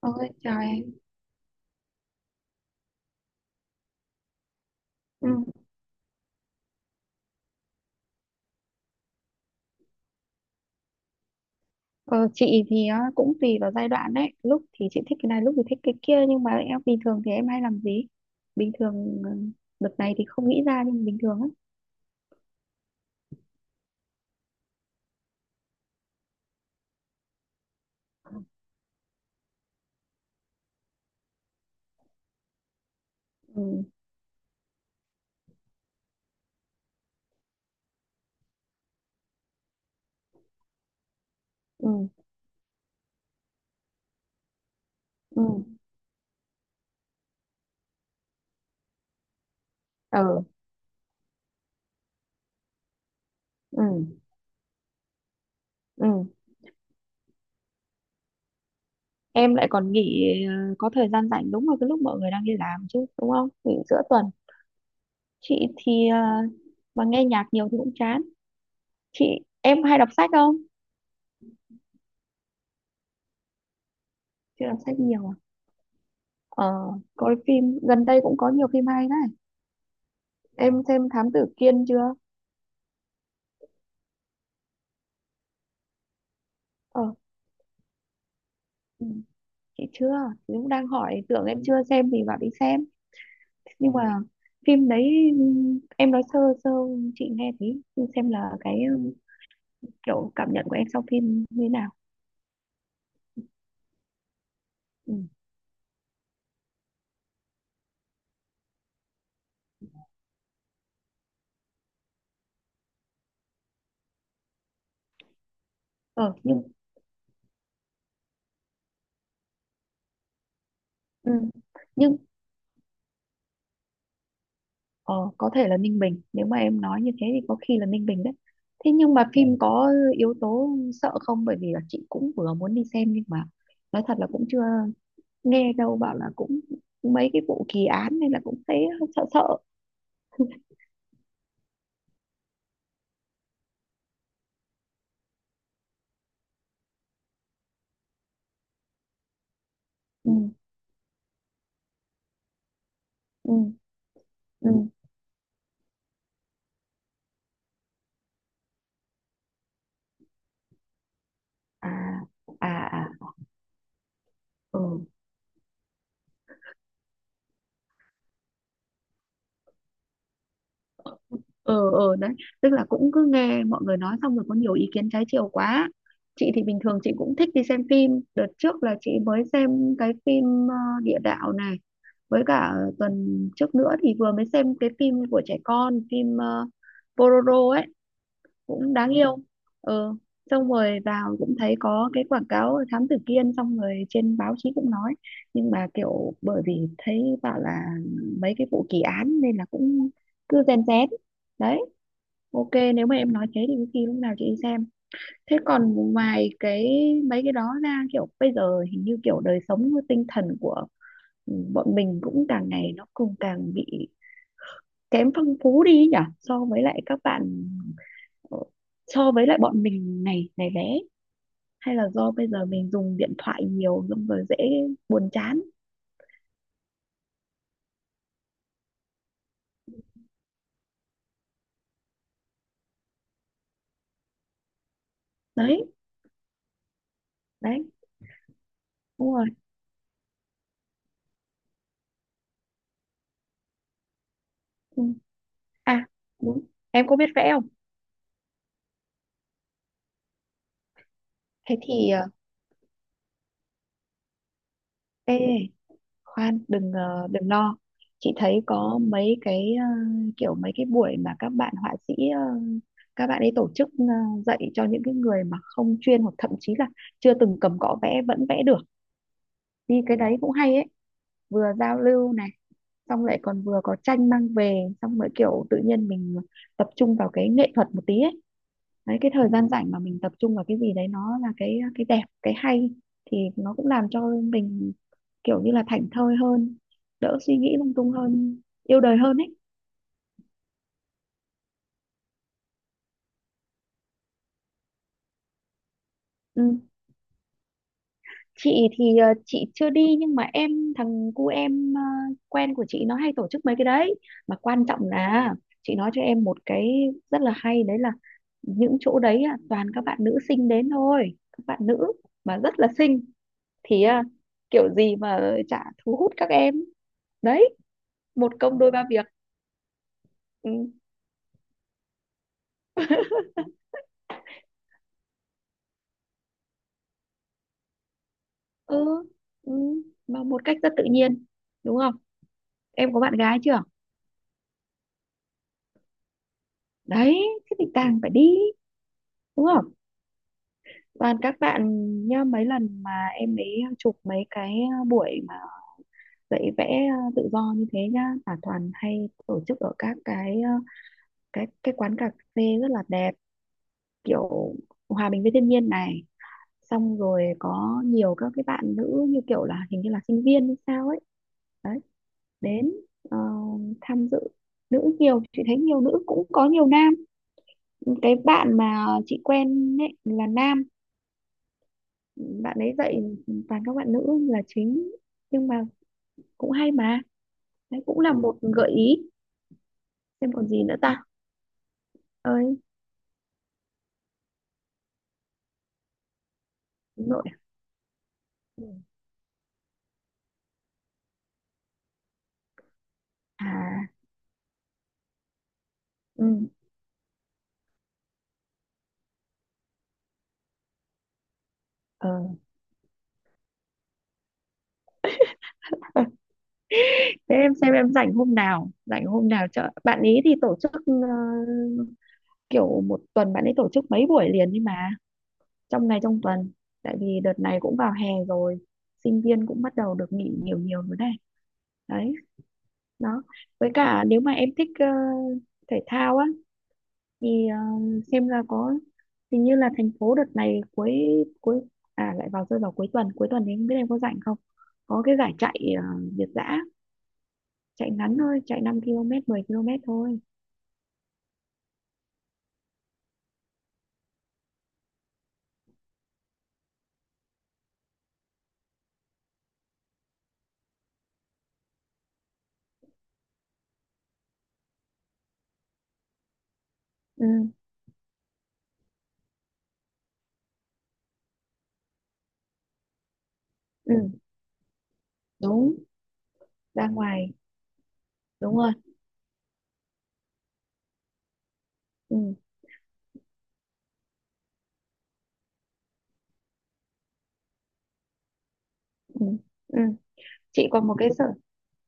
Ôi trời em. ừ. Ờ, chị thì á, cũng tùy vào giai đoạn đấy, lúc thì chị thích cái này lúc thì thích cái kia, nhưng mà em bình thường thì em hay làm gì bình thường? Ừ, Đợt này thì không nghĩ ra nhưng mà bình thường á. Ừ ừ ừ ờ ừ ừ Em lại còn nghỉ có thời gian rảnh đúng vào cái lúc mọi người đang đi làm chứ đúng không, nghỉ giữa tuần. Chị thì, mà nghe nhạc nhiều thì cũng chán. chị em hay đọc sách không? Chị đọc sách nhiều à? Ờ, coi phim gần đây cũng có nhiều phim hay đấy. Em xem Thám Tử Kiên chưa? ờ ừ, chị chưa. Chị cũng đang hỏi, tưởng em chưa xem thì bảo đi xem. Nhưng mà phim đấy, em nói sơ sơ chị nghe thấy xem là cái, kiểu cảm nhận của em sau phim như thế nào. ừ. Ờ nhưng ừ. nhưng ờ, có thể là Ninh Bình, nếu mà em nói như thế thì có khi là Ninh Bình đấy. Thế nhưng mà phim có yếu tố sợ không? Bởi vì là chị cũng vừa muốn đi xem nhưng mà nói thật là cũng chưa, nghe đâu bảo là cũng mấy cái vụ kỳ án nên là cũng thấy hơi sợ sợ. Ừ ừ ừ à à à ừ ừ ừ Đấy, tức là cũng cứ nghe mọi người nói xong rồi có nhiều ý kiến trái chiều quá. Chị thì bình thường chị cũng thích đi xem phim, đợt trước là chị mới xem cái phim ờ, địa đạo này, với cả tuần trước nữa thì vừa mới xem cái phim của trẻ con, phim Pororo ấy, cũng đáng yêu. Ờ, xong rồi vào cũng thấy có cái quảng cáo Thám Tử Kiên, xong rồi trên báo chí cũng nói, nhưng mà kiểu bởi vì thấy bảo là mấy cái vụ kỳ án nên là cũng cứ rèn rén đấy. Ok, nếu mà em nói thế thì có khi lúc nào chị đi xem. Thế còn ngoài cái mấy cái đó ra, kiểu bây giờ hình như kiểu đời sống tinh thần của bọn mình cũng càng ngày nó cũng càng bị kém phong phú đi ấy nhỉ, so với lại các bạn. Ờ, so với lại bọn mình này này bé, hay là do bây giờ mình dùng điện thoại nhiều xong rồi dễ buồn chán? Đấy, đấy, đúng rồi. Ừ. À đúng, em có biết vẽ không? Thế thì ờ, ê Khoan, đừng đừng lo. Chị thấy có mấy cái kiểu mấy cái buổi mà các bạn họa sĩ các bạn ấy tổ chức, dạy cho những cái người mà không chuyên, hoặc thậm chí là chưa từng cầm cọ vẽ vẫn vẽ được. Đi cái đấy cũng hay ấy, vừa giao lưu này, xong lại còn vừa có tranh mang về, xong rồi kiểu tự nhiên mình tập trung vào cái nghệ thuật một tí ấy. Đấy, cái thời gian rảnh mà mình tập trung vào cái gì đấy nó là cái đẹp cái hay, thì nó cũng làm cho mình kiểu như là thảnh thơi hơn, đỡ suy nghĩ lung tung hơn, yêu đời hơn ấy. ừ chị thì chị chưa đi, nhưng mà em thằng cu em, quen của chị nó hay tổ chức mấy cái đấy. Mà quan trọng là chị nói cho em một cái rất là hay đấy, là những chỗ đấy á, toàn các bạn nữ xinh đến thôi, các bạn nữ mà rất là xinh. Thì kiểu gì mà chả thu hút các em. Đấy, một công đôi ba việc. ừ, ừ, ừ, mà một cách rất tự nhiên, đúng không? Em có bạn gái chưa? Đấy, thế thì càng phải đi, đúng không? Toàn các bạn nhá, mấy lần mà em ấy chụp mấy cái buổi mà dạy vẽ tự do như thế nhá, là toàn hay tổ chức ở các cái cái quán cà phê rất là đẹp, kiểu hòa bình với thiên nhiên này, xong rồi có nhiều các cái bạn nữ như kiểu là hình như là sinh viên hay sao ấy. Đấy, đến ờ, tham dự, nữ nhiều, chị thấy nhiều nữ cũng có nhiều nam. Cái bạn mà chị quen ấy là nam, bạn ấy dạy toàn các bạn nữ là chính, nhưng mà cũng hay mà. Đấy cũng là một gợi ý. Xem còn gì nữa ta. Ơi. Hướng nội. Rồi. Ừ. à ừ ờ Ờ, Thế em xem em rảnh hôm nào, rảnh hôm nào chợ bạn ấy thì tổ chức, kiểu một tuần bạn ấy tổ chức mấy buổi liền, nhưng mà trong ngày trong tuần, tại vì đợt này cũng vào hè rồi, sinh viên cũng bắt đầu được nghỉ nhiều nhiều rồi đây. Đấy, đó, với cả nếu mà em thích thể thao á, thì xem là có hình như là thành phố đợt này cuối cuối à, lại vào rơi vào cuối tuần, cuối tuần thì không biết em có rảnh không, có cái giải chạy việt dã, chạy ngắn thôi, chạy 5 km 10 km thôi. ừ ừ Đúng, ra ngoài, đúng rồi. ừ ừ ừ chị còn một cái sở,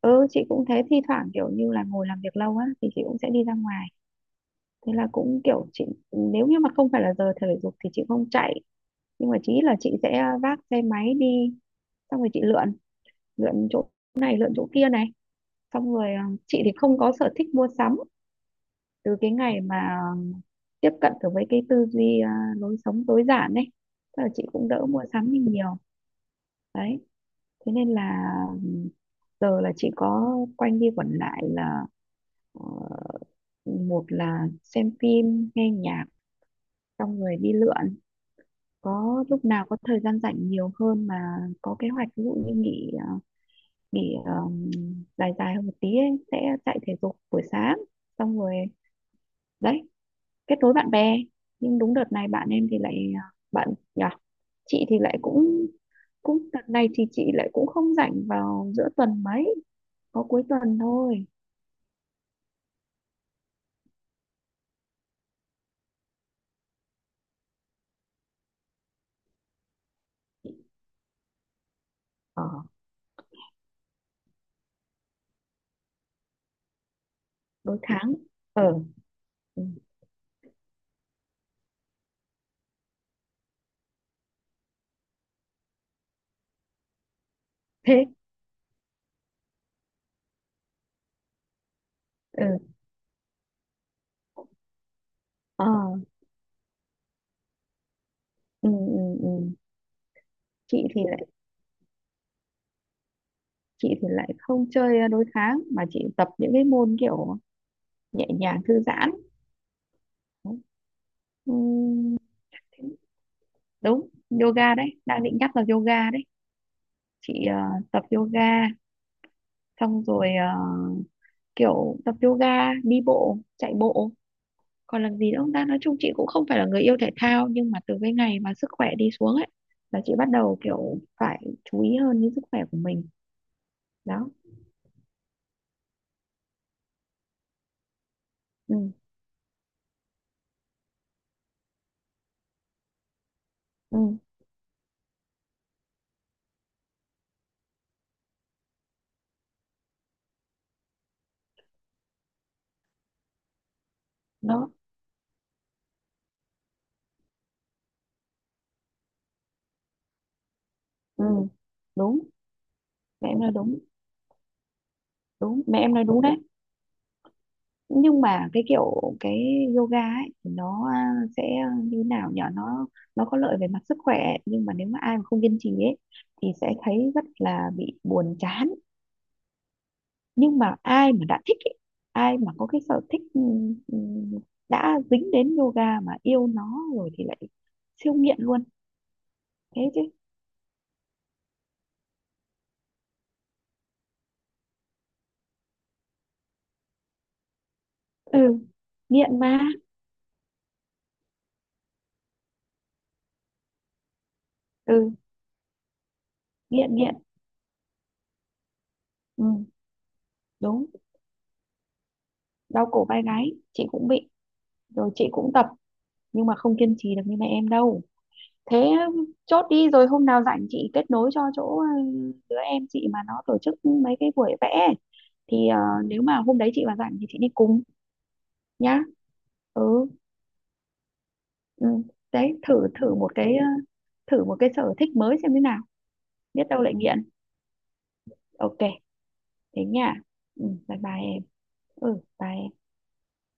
ừ chị cũng thế, thi thoảng kiểu như là ngồi làm việc lâu á thì chị cũng sẽ đi ra ngoài. Thế là cũng kiểu chị, nếu như mà không phải là giờ thể dục thì chị không chạy, nhưng mà chỉ là chị sẽ vác xe máy đi, xong rồi chị lượn, lượn chỗ này lượn chỗ kia này, xong rồi à, chị thì không có sở thích mua sắm. Từ cái ngày mà tiếp cận được với cái tư duy à, lối sống tối giản ấy, tức là chị cũng đỡ mua sắm đi nhiều. Đấy, thế nên là giờ là chị có quanh đi quẩn lại là ờ, một là xem phim nghe nhạc, xong rồi đi lượn. Có lúc nào có thời gian rảnh nhiều hơn mà có kế hoạch, ví dụ như nghỉ à, nghỉ dài dài hơn một tí ấy, sẽ chạy thể dục buổi sáng, xong rồi đấy, kết nối bạn bè. Nhưng đúng đợt này bạn em thì lại à, bạn nhỉ. Chị thì lại cũng, cũng đợt này thì chị lại cũng không rảnh vào giữa tuần mấy, có cuối tuần thôi. Ờ cuối tháng. ờ ừ, Thế. ừ ờ ừ, ừ, ừ. Chị thì lại, chị thì lại không chơi à, đối kháng, mà chị tập những cái môn kiểu nhẹ nhàng thư giãn. Ừ, đúng, yoga đấy, đang định nhắc là yoga đấy. Chị tập yoga, xong rồi kiểu tập yoga, đi bộ, chạy bộ. Còn làm gì nữa không ta, nói chung chị cũng không phải là người yêu thể thao, nhưng mà từ cái ngày mà sức khỏe đi xuống ấy, là chị bắt đầu kiểu phải chú ý hơn đến sức khỏe của mình. Đó. ừ ừ Đó. ừ Đúng, mẹ em nói đúng, đúng mẹ em nói đúng đấy. Nhưng mà cái kiểu cái yoga ấy thì nó à, sẽ như nào nhở, nó có lợi về mặt sức khỏe ấy, nhưng mà nếu mà ai mà không kiên trì ấy thì sẽ thấy rất là bị buồn chán. Nhưng mà ai mà đã thích ấy, ai mà có cái sở thích ừ, đã dính đến yoga mà yêu nó rồi thì lại siêu nghiện luôn. Thế chứ. ừ Nghiện mà. ừ Nghiện nghiện. ừ Đúng, đau cổ vai gáy chị cũng bị, rồi chị cũng tập nhưng mà không kiên trì được như mẹ em đâu. Thế, chốt đi, rồi hôm nào rảnh chị kết nối cho chỗ đứa em chị mà nó tổ chức mấy cái buổi vẽ ấy. Thì nếu mà hôm đấy chị mà rảnh thì chị đi cùng nhá. ừ, ừ. Đấy, thử, thử một cái ờ, thử một cái sở thích mới xem thế nào, biết đâu lại nghiện. Ok, thế nha. Ừ, bye bye em. Ừ bye em.